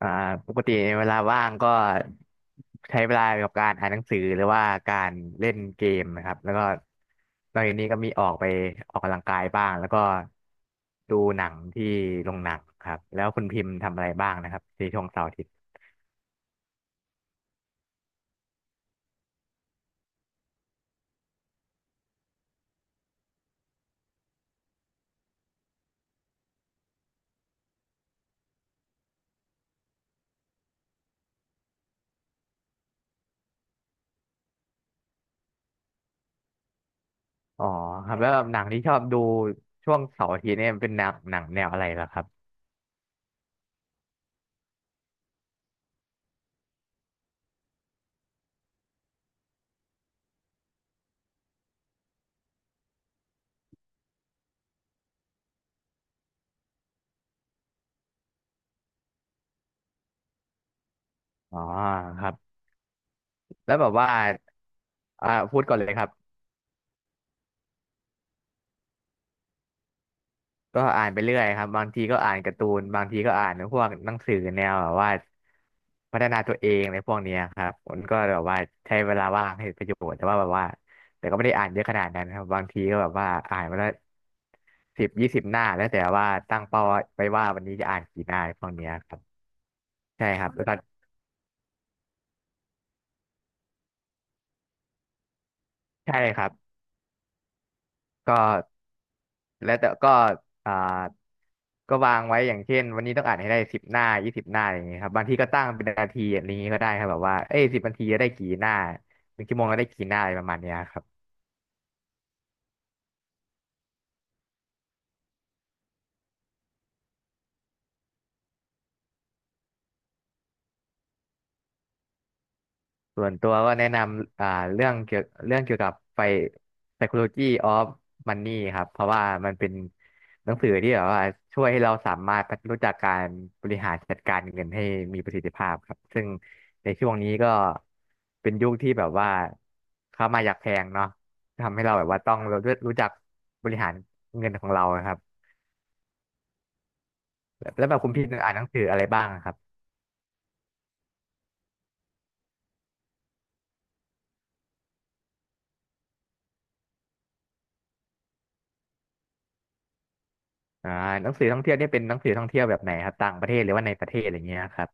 อ่าปกติในเวลาว่างก็ใช้เวลากับการอ่านหนังสือหรือว่าการเล่นเกมนะครับแล้วก็นอกจากนี้ก็มีออกไปออกกำลังกายบ้างแล้วก็ดูหนังที่โรงหนังครับแล้วคุณพิมพ์ทำอะไรบ้างนะครับในช่วงเสาร์อาทิตย์อ๋อครับแล้วหนังที่ชอบดูช่วงเสาร์อาทิตย์เนี่ยเป็นหนังแนวอะไรล่ะครับอ๋อครับแล้วแบบว่าพูดก่อนเลยครับ ก็อ่านไปเรื่อยครับบางทีก็อ่านการ์ตูนบางทีก็อ่านพวกหนังสือแนวแบบว่าพัฒนาตัวเองในพวกเนี้ยครับมันก็แบบว่าใช้เวลาว่างให้เป็นประโยชน์แต่ว่าแบบว่าแต่ก็ไม่ได้อ่านเยอะขนาดนั้นครับบางทีก็แบบว่าอ่านมาละ10 20 หน้าแล้วแต่ว่าตั้งเป้าไว้ว่าวันนี้จะอ่านกี่หน้าพวกเนี้ยครับใช่ครับแล้วก็ใช่ครับ ก็แล้วแต่ก็อ่าก็วางไว้อย่างเช่นวันนี้ต้องอ่านให้ได้10 หน้า 20 หน้าอย่างเงี้ยครับบางทีก็ตั้งเป็นนาทีอย่างนี้ก็ได้ครับแบบว่าเอ้ย10 นาทีจะได้กี่หน้า1 ชั่วโมงก็ได้กี่หน้าอะไรประมาณเนี้ยครับ ส่วนตัวก็แนะนำเรื่องเกี่ยวกับไฟ Psychology of Money ครับเพราะว่ามันเป็นหนังสือที่แบบว่าช่วยให้เราสามารถรู้จักการบริหารจัดการเงินให้มีประสิทธิภาพครับซึ่งในช่วงนี้ก็เป็นยุคที่แบบว่าค่ามาอยากแพงเนาะทำให้เราแบบว่าต้องรู้จักบริหารเงินของเราครับแล้วแบบคุณพี่อ่านหนังสืออะไรบ้างครับอ่าหนังสือท่องเที่ยวเนี่ยเป็นหนังสือท่องเที่ยวแบบไหนครับต่างประเทศหรือว่าในประเทศอะไรเงี้ยครับ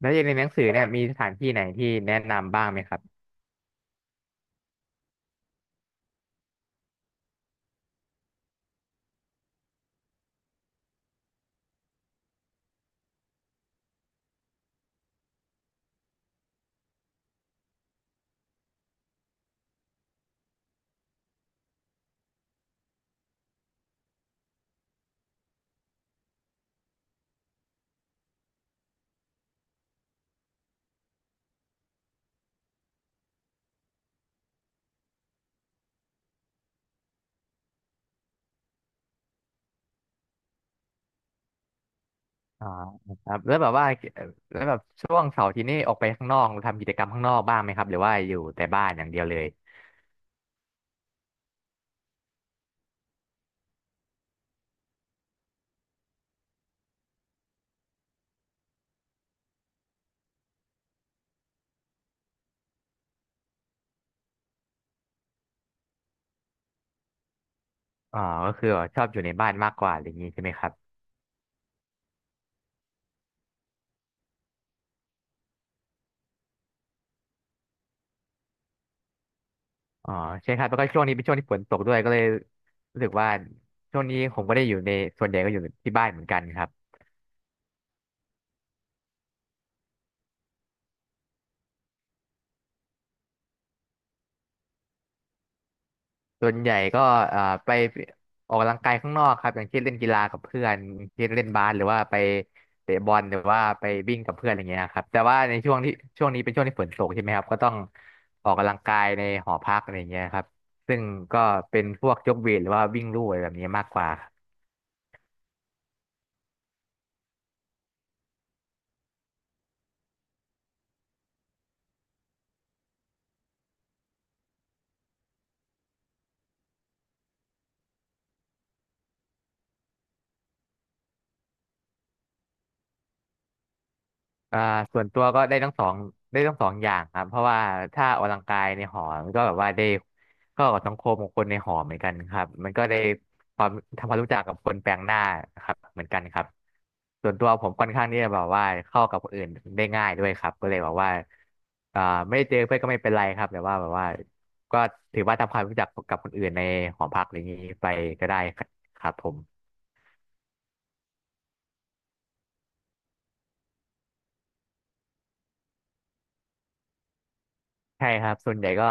แล้วอย่างในหนังสือเนี่ยมีสถานที่ไหนที่แนะนำบ้างไหมครับอ่าครับแล้วแบบว่าเอ่อแล้วแบบช่วงเสาร์อาที่นี่ออกไปข้างนอกทำกิจกรรมข้างนอกบ้างไหมครับหรือว่าอยู่แต่บ้านอย่างเดียวเลยอ่าก็คือแบบชอบอยู่ในบ้านมากกว่าอะไรอย่างนี้ใช่ไหมครับอ๋อใช่ครับแล้วก็ช่วงนี้เป็นช่วงที่ฝนตกด้วยก็เลยรู้สึกว่าช่วงนี้ผมก็ได้อยู่ในส่วนใหญ่ก็อยู่ที่บ้านเหมือนกันครับ ส่วนใหญ่ก็ไปออกกำลังกายข้างนอกครับอย่างเช่นเล่นกีฬากับเพื่อนอย่างเช่นเล่นบาสหรือว่าไปเตะบอลหรือว่าไปวิ่งกับเพื่อนอะไรเงี้ยครับแต่ว่าในช่วงนี้เป็นช่วงที่ฝนตกใช่ไหมครับก็ต้องออกกำลังกายในหอพักอะไรเงี้ยครับซึ่งก็เป็นพวกยกเวทหรือว่าวิ่งลู่อะไรแบบนี้มากกว่า อ่าส่วนตัวก็ได้ทั้งสองอย่างครับเพราะว่าถ้าออกกำลังกายในหอมันก็แบบว่าได้เข้ากับสังคมของคนในหอเหมือนกันครับมันก็ได้ความทำความรู้จักกับคนแปลกหน้าครับเหมือนกันครับส่วนตัวผมค่อนข้างที่จะแบบว่าเข้ากับคนอื่นได้ง่ายด้วยครับก็เลยแบบว่าอ่าไม่ได้เจอเพื่อนก็ไม่เป็นไรครับแต่ว่าแบบว่าก็ถือว่าทำความรู้จักกับคนอื่นในหอพักอะไรอย่างนี้ไปก็ได้ครับผม ใช่ครับส่วนใหญ่ก็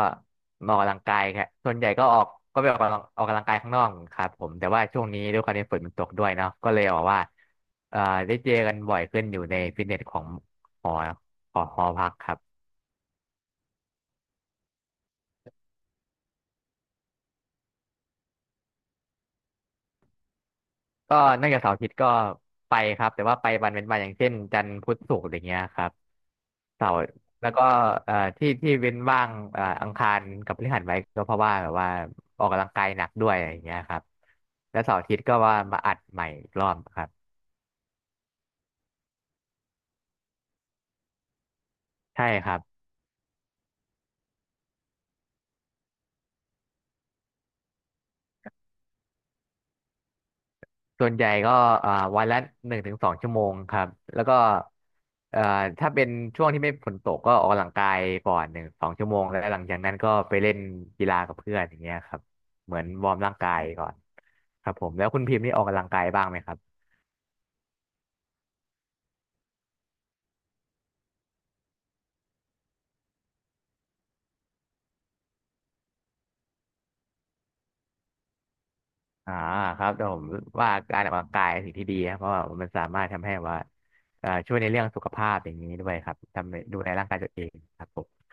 มาออกกำลังกายครับส่วนใหญ่ก็ออกก็ไปออกกำลังกายข้างนอกครับผมแต่ว่าช่วงนี้ด้วยความที่ฝนมันตกด้วยเนาะก็เลยบอกว่าเอ่อได้เจอกันบ่อยขึ้นอยู่ในฟิตเนสของหอของหอพักครับก็นอกจากเสาร์อาทิตย์ก็ไปครับแต่ว่าไปวันเว้นวันอย่างเช่นจันทร์พุธศุกร์อะไรเงี้ยครับเสาร์แล้วก็ที่เว้นว่างอังคารกับพฤหัสไว้ก็เพราะว่าแบบว่าออกกำลังกายหนักด้วยอะไรเงี้ยครับแล้วเสาร์อาทิตย์ก็ว่ามาอัดใหม่อีกรอบครับ ใช่ครับส่วนใหญ่ก็อ่าวันละหนึ่งถึงสองชั่วโมงครับแล้วก็เอ่อถ้าเป็นช่วงที่ไม่ฝนตกก็ออกกำลังกายก่อนหนึ่งสองชั่วโมงแล้วหลังจากนั้นก็ไปเล่นกีฬากับเพื่อนอย่างเงี้ยครับเหมือนวอร์มร่างกายก่อนครับผมแล้วคุณพิมพ์นี่ออกกำลังกายบ้างไหมครับอ่าครับแต่ผมว่าการออกกำลังกายปสิ่งที่ดีครับเพราะว่ามันสามารถทำให้ว่าช่วยในเรื่องสุขภาพอย่างนี้ด้วยครับทำให้ดูแลร่างกายตัวเองครับผม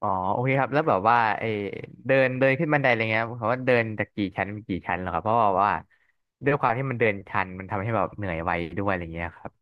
อ๋อโอเคครับ แล้วแบบว่าไอเดินเดินขึ้นบันไดอะไรเงี้ยเขาว่าเดินจากกี่ชั้นเป็นกี่ชั้นเหรอครับเพราะว่าด้วยความที่มันเดินชันมันทำให้แบบเหนื่อยไวด้วยอะไรเงี้ยครับ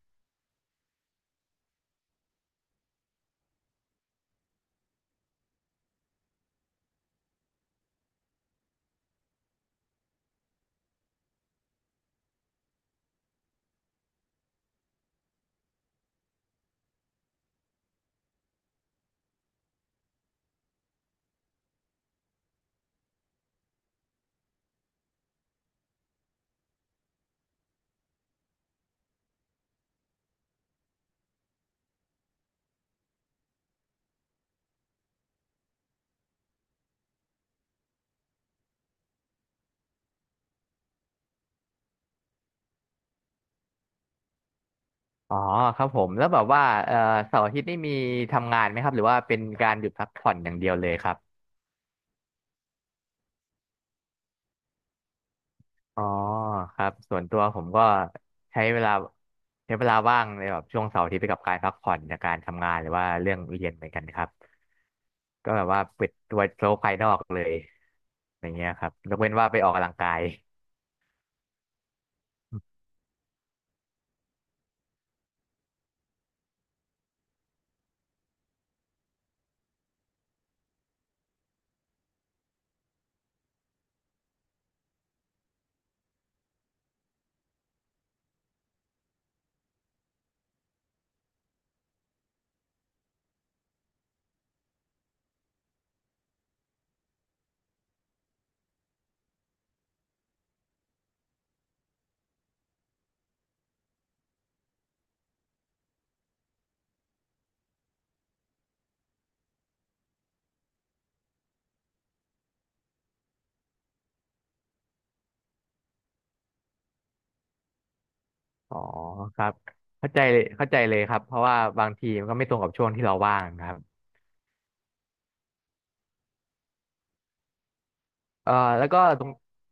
อ๋อครับผมแล้วแบบว่าเสาร์อาทิตย์นี่มีทำงานไหมครับหรือว่าเป็นการหยุดพักผ่อนอย่างเดียวเลยครับอ๋อครับ ส่วนตัวผมก็ใช้เวลาใช้เวลาว่างในแบบช่วงเสาร์อาทิตย์ไปกับการพักผ่อนจากการทำงานหรือว่าเรื่องเรียนเหมือนกันครับก็แบบว่าปิดตัวโลกภายนอกเลยอย่างเงี้ยครับยกเว้นว่าไปออกกำลังกาย อ๋อครับเข้าใจเลยเข้าใจเลยครับเพราะว่าบางทีมันก็ไม่ตรงกับช่วงที่เราว่างครับเอ่อแล้วก็ตรง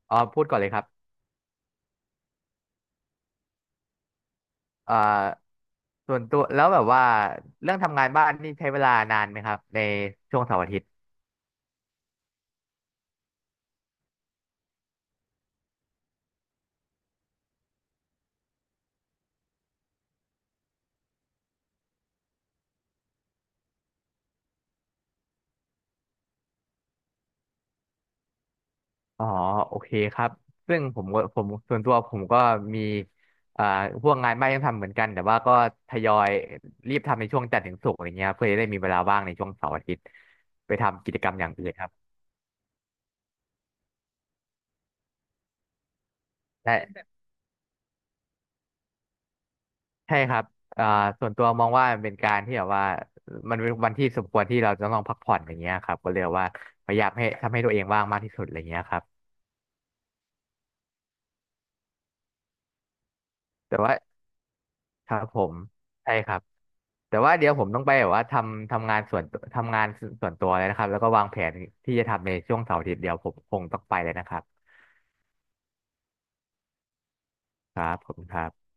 อ๋อพูดก่อนเลยครับเอ่อส่วนตัวแล้วแบบว่าเรื่องทำงานบ้านนี่ใช้เวลานานไหมครับในช่วงเสาร์อาทิตย์อ๋อโอเคครับซึ่งผมก็ผมส่วนตัวผมก็มีเอ่อพวกงานบ้านยังทำเหมือนกันแต่ว่าก็ทยอยรีบทำในช่วงจันทร์ถึงศุกร์อะไรเงี้ยครับเพื่อจะได้มีเวลาว่างในช่วงเสาร์อาทิตย์ไปทำกิจกรรมอย่างอื่นครับใช่ ใช่ครับอ่าส่วนตัวมองว่ามันเป็นการที่แบบว่ามันเป็นวันที่สมควรที่เราจะต้องพักผ่อนอย่างเงี้ยครับก็เลยว่าพยายามให้ทำให้ตัวเองว่างมากที่สุดอะไรเงี้ยครับแต่ว่าครับผมใช่ครับแต่ว่าเดี๋ยวผมต้องไปแบบว่าทำงานทำงานส่วนตัวเลยนะครับแล้วก็วางแผนที่จะทำในช่วงเสาร์อาทิตย์เดียวผมคงต้องไปเลยนะครับครับผมครับ